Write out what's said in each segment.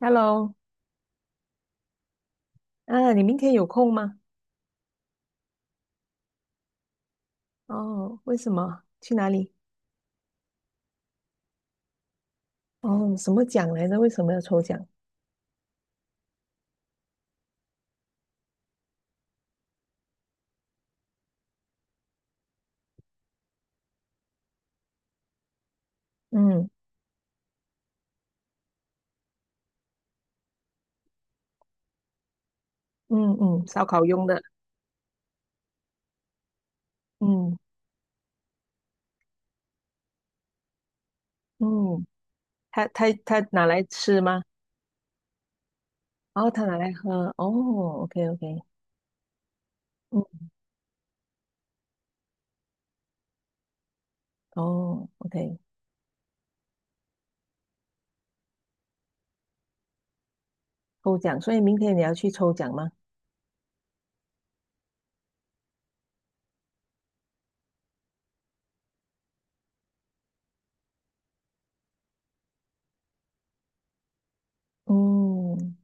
Hello，啊，你明天有空吗？哦，为什么？去哪里？哦，什么奖来着？为什么要抽奖？嗯嗯嗯，烧烤用的。嗯嗯，他拿来吃吗？哦，他拿来喝。哦，OK OK，嗯，哦，OK，抽奖。所以明天你要去抽奖吗？嗯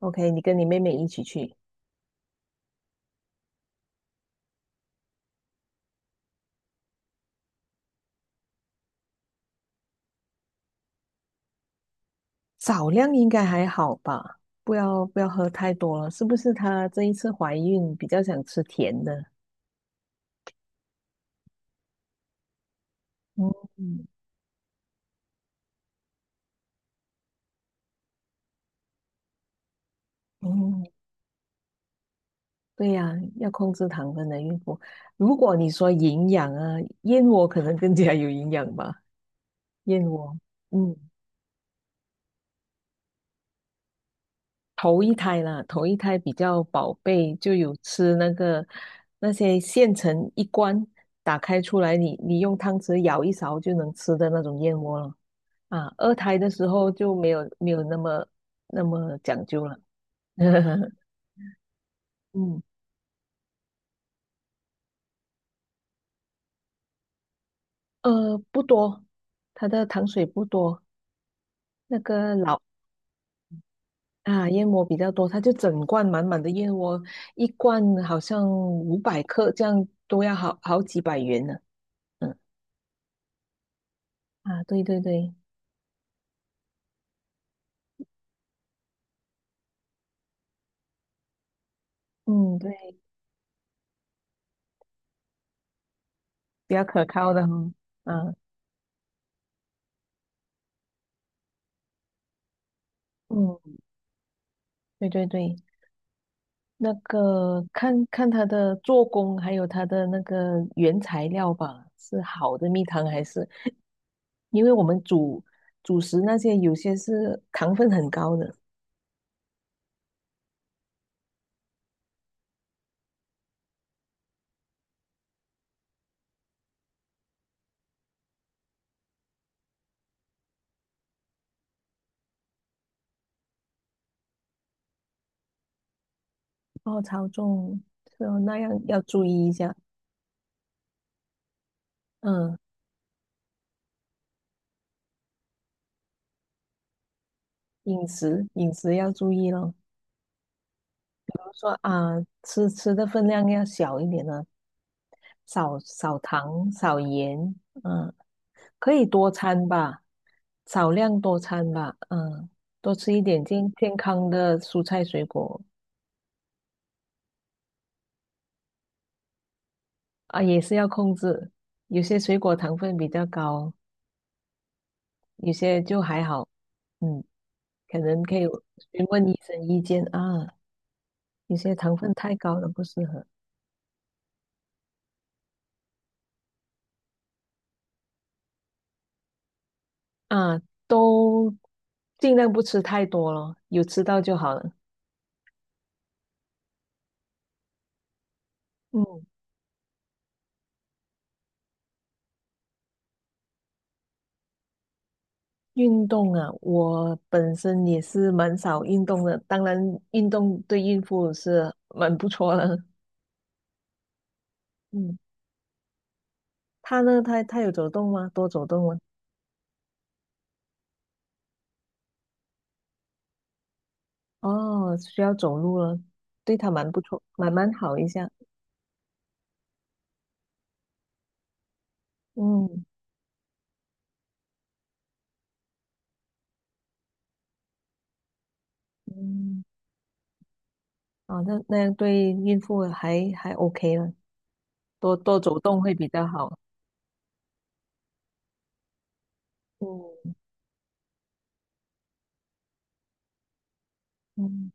，OK，你跟你妹妹一起去。少量应该还好吧，不要喝太多了。是不是她这一次怀孕比较想吃甜的？嗯嗯，对呀，要控制糖分的孕妇。如果你说营养啊，燕窝可能更加有营养吧。燕窝，嗯，头一胎啦，头一胎比较宝贝，就有吃那个那些现成一罐，打开出来你用汤匙舀一勺就能吃的那种燕窝了。啊，二胎的时候就没有那么讲究了。嗯，不多，它的糖水不多。那个老啊，燕窝比较多，它就整罐满满的燕窝，一罐好像500克，这样都要好好几百元呢。嗯啊，对对对，嗯对，比较可靠的哈，啊，嗯，对对对，那个看看它的做工，还有它的那个原材料吧，是好的蜜糖还是？因为我们主食那些有些是糖分很高的。哦，超重，是哦，那样要注意一下。嗯。饮食要注意咯，说啊，吃的分量要小一点呢，少糖少盐，嗯，可以多餐吧，少量多餐吧，嗯，多吃一点健康的蔬菜水果啊，也是要控制，有些水果糖分比较高，有些就还好，嗯，可能可以询问医生意见啊，有些糖分太高了不适合。啊，都尽量不吃太多咯，有吃到就好了。嗯，运动啊，我本身也是蛮少运动的，当然运动对孕妇是蛮不错的。嗯，他呢，他有走动吗？多走动吗？哦，需要走路了，对他蛮不错，蛮好一下。嗯嗯，哦，那样对孕妇还 OK 了，多多走动会比较好。嗯嗯，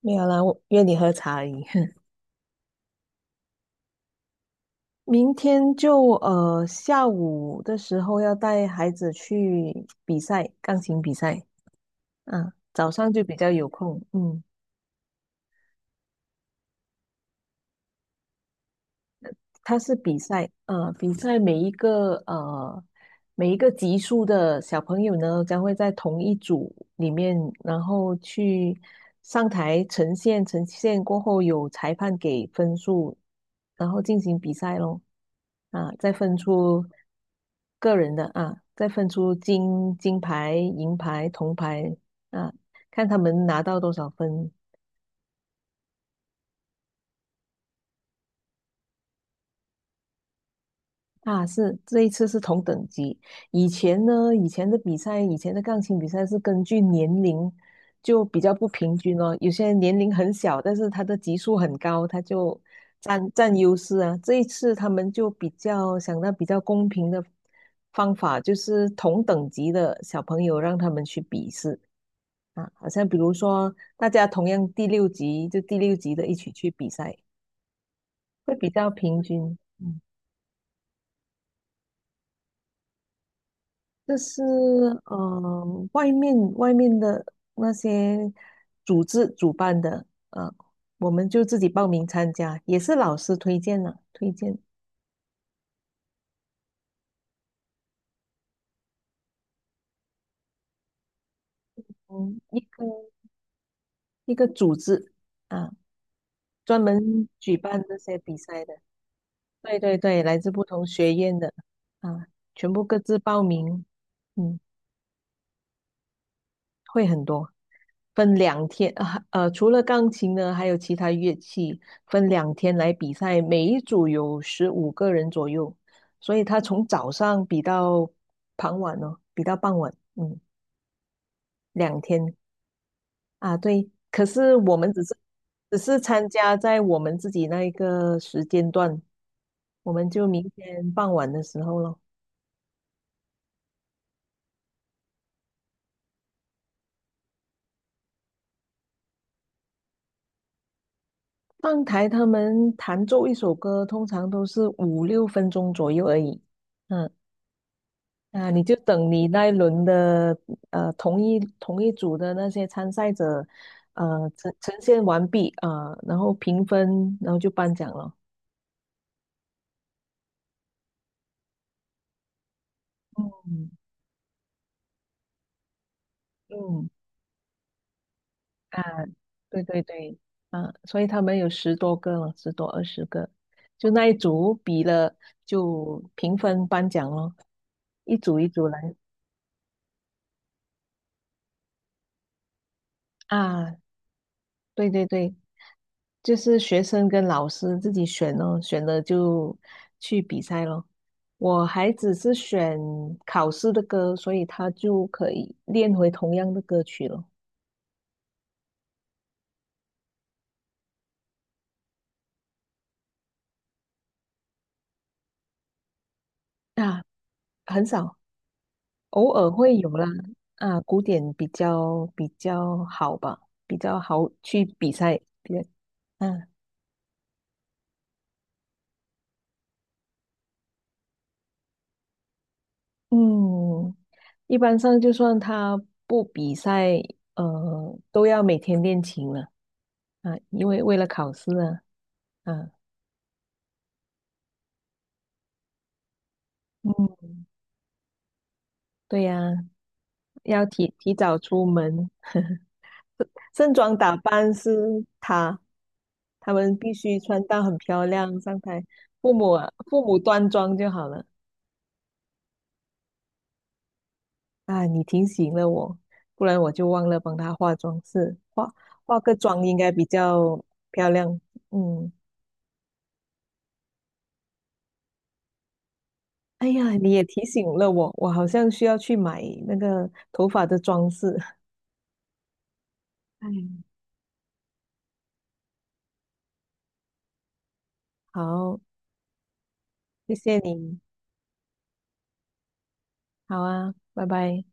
没有啦，我约你喝茶而已。明天就下午的时候要带孩子去比赛，钢琴比赛。嗯，早上就比较有空。嗯。它是比赛，比赛每一个级数的小朋友呢，将会在同一组里面，然后去上台呈现，呈现过后有裁判给分数，然后进行比赛咯。啊，再分出个人的啊，再分出金牌、银牌、铜牌啊，看他们拿到多少分啊，是这一次是同等级。以前呢，以前的比赛，以前的钢琴比赛是根据年龄，就比较不平均哦。有些人年龄很小，但是他的级数很高，他就占优势啊。这一次他们就比较想到比较公平的方法，就是同等级的小朋友让他们去比试啊，好像比如说大家同样第六级，就第六级的一起去比赛，会比较平均。嗯就是外面的那些组织主办的，我们就自己报名参加，也是老师推荐的，推荐，嗯，一个组织啊，专门举办这些比赛的，对对对，来自不同学院的啊，全部各自报名，嗯。会很多，分两天啊，除了钢琴呢，还有其他乐器，分两天来比赛，每一组有15个人左右，所以他从早上比到傍晚哦，比到傍晚，嗯，两天啊，对。可是我们只是参加在我们自己那一个时间段，我们就明天傍晚的时候咯。上台他们弹奏一首歌，通常都是五六分钟左右而已。嗯，啊，你就等你那一轮的同一组的那些参赛者，呈现完毕啊，然后评分，然后就颁奖了。嗯嗯啊，对对对啊，所以他们有十多个了，十多二十个，就那一组比了就评分颁奖咯，一组一组来啊，对对对，就是学生跟老师自己选哦，选了就去比赛咯。我孩子是选考试的歌，所以他就可以练回同样的歌曲咯。啊，很少，偶尔会有啦。啊，古典比较好吧，比较好去比赛，比较嗯嗯，一般上就算他不比赛，都要每天练琴了啊，为了考试啊，啊。对呀，要提早出门，盛装打扮是他们必须穿到很漂亮上台。父母啊，父母端庄就好了。啊，你提醒了我，不然我就忘了帮他化个妆应该比较漂亮。嗯，哎呀，你也提醒了我，我好像需要去买那个头发的装饰。哎，好，谢谢你，好啊，拜拜。